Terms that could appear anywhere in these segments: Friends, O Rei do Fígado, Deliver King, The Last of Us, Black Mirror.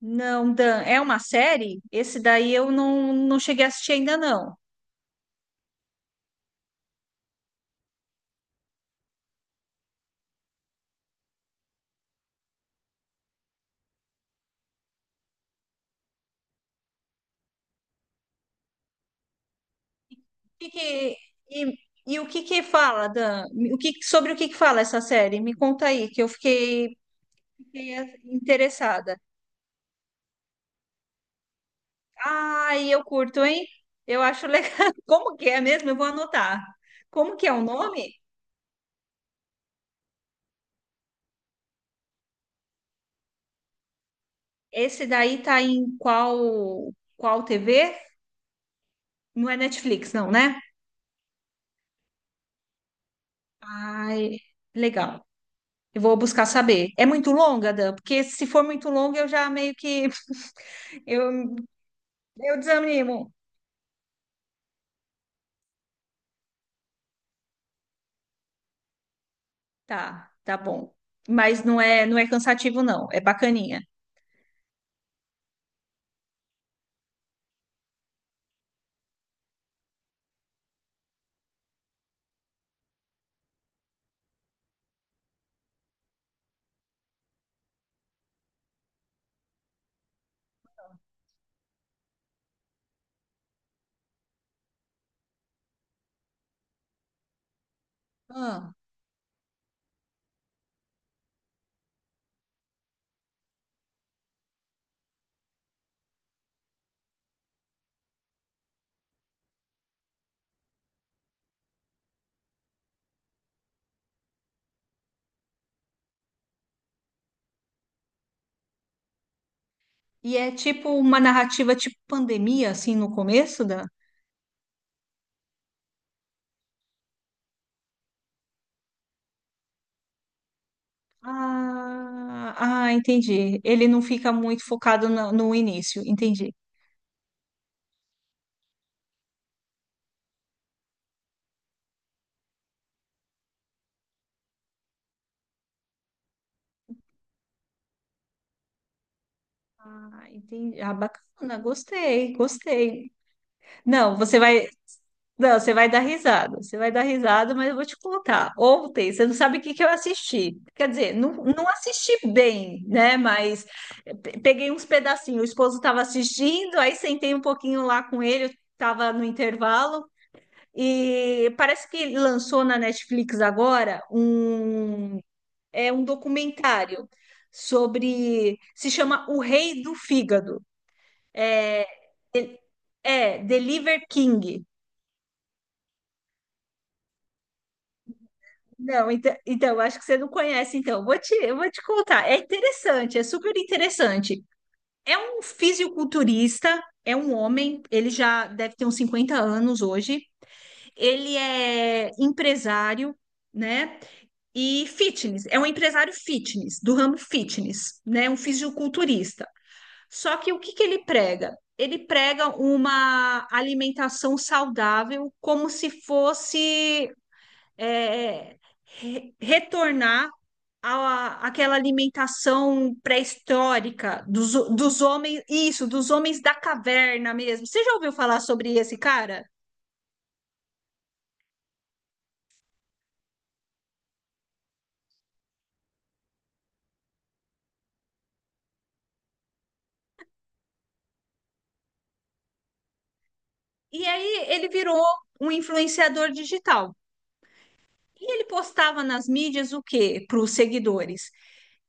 Não, Dan, é uma série? Esse daí eu não cheguei a assistir ainda não. Que que- e, o que que fala, Dan? Sobre o que que fala essa série? Me conta aí, que eu fiquei interessada. Ai, eu curto, hein? Eu acho legal. Como que é mesmo? Eu vou anotar. Como que é o nome? Esse daí tá em qual TV? Não é Netflix, não, né? Ai, legal. Eu vou buscar saber. É muito longa, Dan? Porque se for muito longa, eu já meio que eu, eu desanimo. Tá, tá bom. Mas não é cansativo, não. É bacaninha. Ah, e é tipo uma narrativa tipo pandemia, assim, no começo, Dan? Ah, ah, entendi. Ele não fica muito focado no início, entendi. Ah, entendi. Ah, bacana, gostei, gostei. Não, você vai, não, você vai dar risada. Você vai dar risada, mas eu vou te contar. Ontem, você não sabe o que que eu assisti. Quer dizer, não assisti bem, né? Mas peguei uns pedacinhos. O esposo estava assistindo, aí sentei um pouquinho lá com ele, estava no intervalo. E parece que lançou na Netflix agora é um documentário sobre. Se chama O Rei do Fígado. É, Deliver King. Não, então, acho que você não conhece, então. Eu vou te contar. É interessante, é super interessante. É um fisiculturista, é um homem, ele já deve ter uns 50 anos hoje. Ele é empresário, né? E fitness, é um empresário fitness, do ramo fitness, né? Um fisiculturista. Só que o que que ele prega? Ele prega uma alimentação saudável, como se fosse é, retornar àquela alimentação pré-histórica dos homens, isso, dos homens da caverna mesmo. Você já ouviu falar sobre esse cara? E aí ele virou um influenciador digital. E ele postava nas mídias o quê para os seguidores?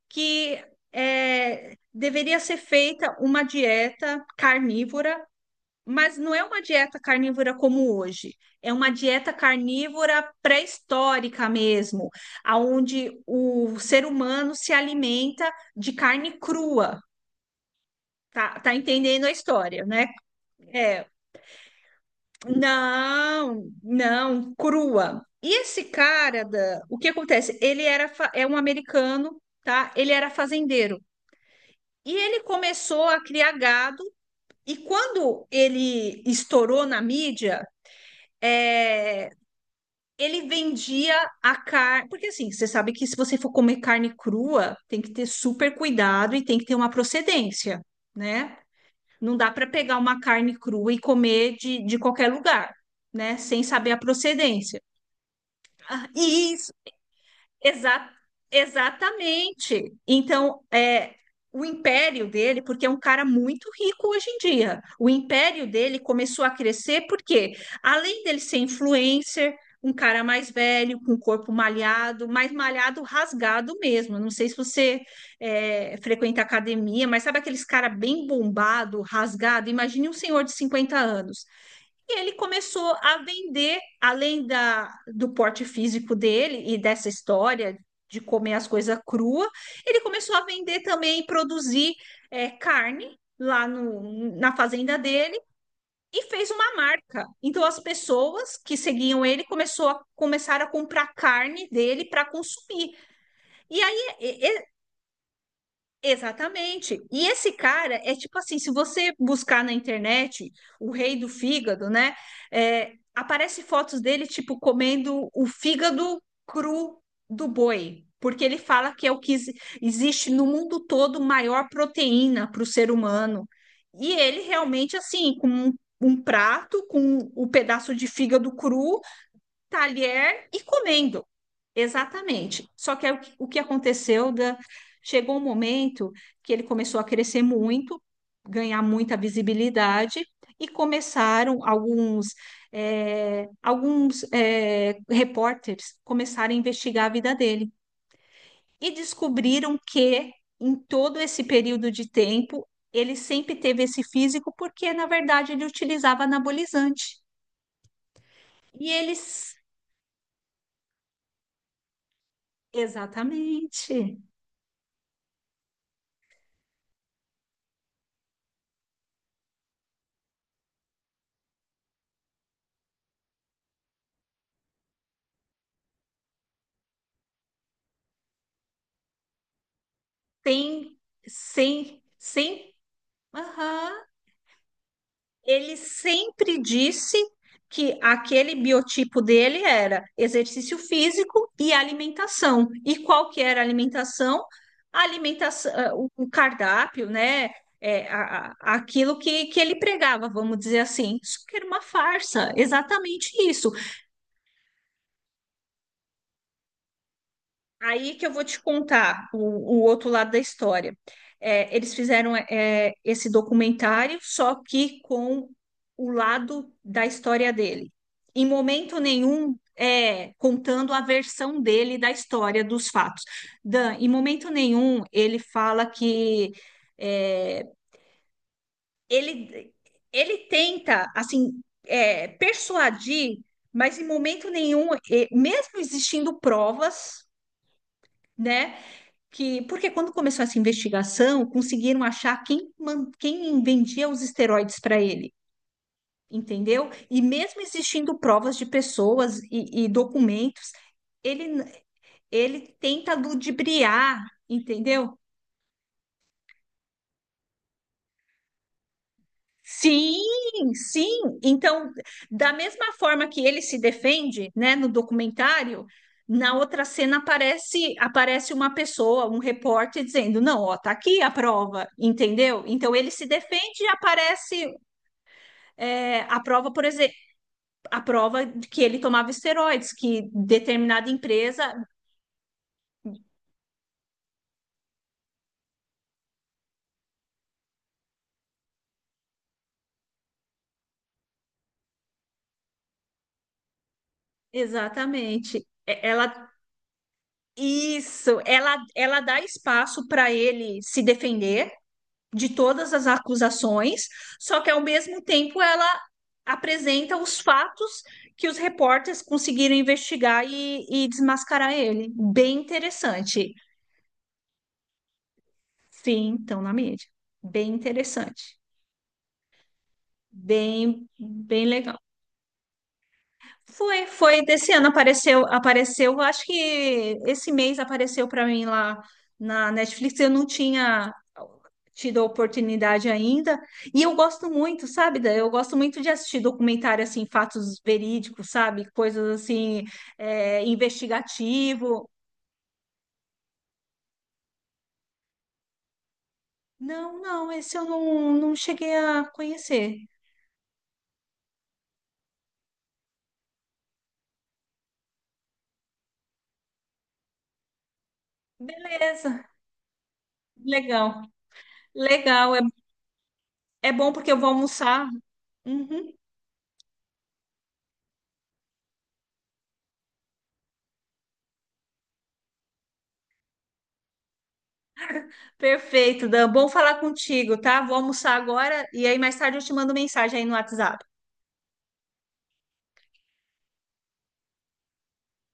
Que deveria ser feita uma dieta carnívora, mas não é uma dieta carnívora como hoje. É uma dieta carnívora pré-histórica mesmo, aonde o ser humano se alimenta de carne crua. Tá, tá entendendo a história, né? É, não, não, crua. E esse cara, da, o que acontece? Ele era é um americano, tá? Ele era fazendeiro. E ele começou a criar gado, e quando ele estourou na mídia, é, ele vendia a carne. Porque assim, você sabe que se você for comer carne crua, tem que ter super cuidado e tem que ter uma procedência, né? Não dá para pegar uma carne crua e comer de qualquer lugar, né? Sem saber a procedência. Ah, E Exa exatamente. Então, o império dele, porque é um cara muito rico hoje em dia, o império dele começou a crescer porque, além dele ser influencer, um cara mais velho, com um corpo malhado, mais malhado, rasgado mesmo. Não sei se você frequenta academia, mas sabe aqueles cara bem bombado, rasgado? Imagine um senhor de 50 anos. E ele começou a vender, do porte físico dele e dessa história de comer as coisas cruas, ele começou a vender também e produzir carne lá no, na fazenda dele e fez uma marca. Então as pessoas que seguiam ele começaram a comprar carne dele para consumir. E aí e- Exatamente. E esse cara é tipo assim, se você buscar na internet o rei do fígado, né? É, aparece fotos dele, tipo, comendo o fígado cru do boi. Porque ele fala que é o que existe no mundo todo maior proteína para o ser humano. E ele realmente, assim, um prato, com o pedaço de fígado cru, talher e comendo. Exatamente. Só que aí o que aconteceu, da... chegou um momento que ele começou a crescer muito, ganhar muita visibilidade, e alguns repórteres começaram a investigar a vida dele. E descobriram que, em todo esse período de tempo, ele sempre teve esse físico porque, na verdade, ele utilizava anabolizante. E eles, exatamente, sem, sem. Aham. Ele sempre disse que aquele biotipo dele era exercício físico e alimentação. E qual que era a alimentação? A alimentação, o cardápio, né? É, aquilo que ele pregava, vamos dizer assim. Isso que era uma farsa, exatamente isso. Aí que eu vou te contar o outro lado da história. É, eles fizeram esse documentário, só que com o lado da história dele. Em momento nenhum, é, contando a versão dele da história, dos fatos. Dan, em momento nenhum, ele fala que é, ele, ele tenta, assim, persuadir, mas em momento nenhum, mesmo existindo provas, né? que porque quando começou essa investigação, conseguiram achar quem, quem vendia os esteroides para ele, entendeu? E mesmo existindo provas de pessoas e documentos, ele, ele tenta ludibriar, entendeu? Sim, sim. Então, da mesma forma que ele se defende, né, no documentário, na outra cena aparece uma pessoa, um repórter dizendo, não, ó, tá aqui a prova, entendeu? Então ele se defende e aparece a prova, por exemplo, a prova de que ele tomava esteroides, que determinada empresa, exatamente. Ela dá espaço para ele se defender de todas as acusações, só que ao mesmo tempo ela apresenta os fatos que os repórteres conseguiram investigar e desmascarar ele. Bem interessante. Sim, então na mídia. Bem interessante. Bem, bem legal. Foi, foi desse ano apareceu, acho que esse mês apareceu para mim lá na Netflix. Eu não tinha tido a oportunidade ainda. E eu gosto muito, sabe, Dan? Eu gosto muito de assistir documentário assim, fatos verídicos, sabe? Coisas assim, investigativo. Não, não, esse eu não cheguei a conhecer. Beleza, legal. Legal, é, é bom porque eu vou almoçar. Uhum. Perfeito, Dan. Bom falar contigo, tá? Vou almoçar agora e aí mais tarde eu te mando mensagem aí no WhatsApp.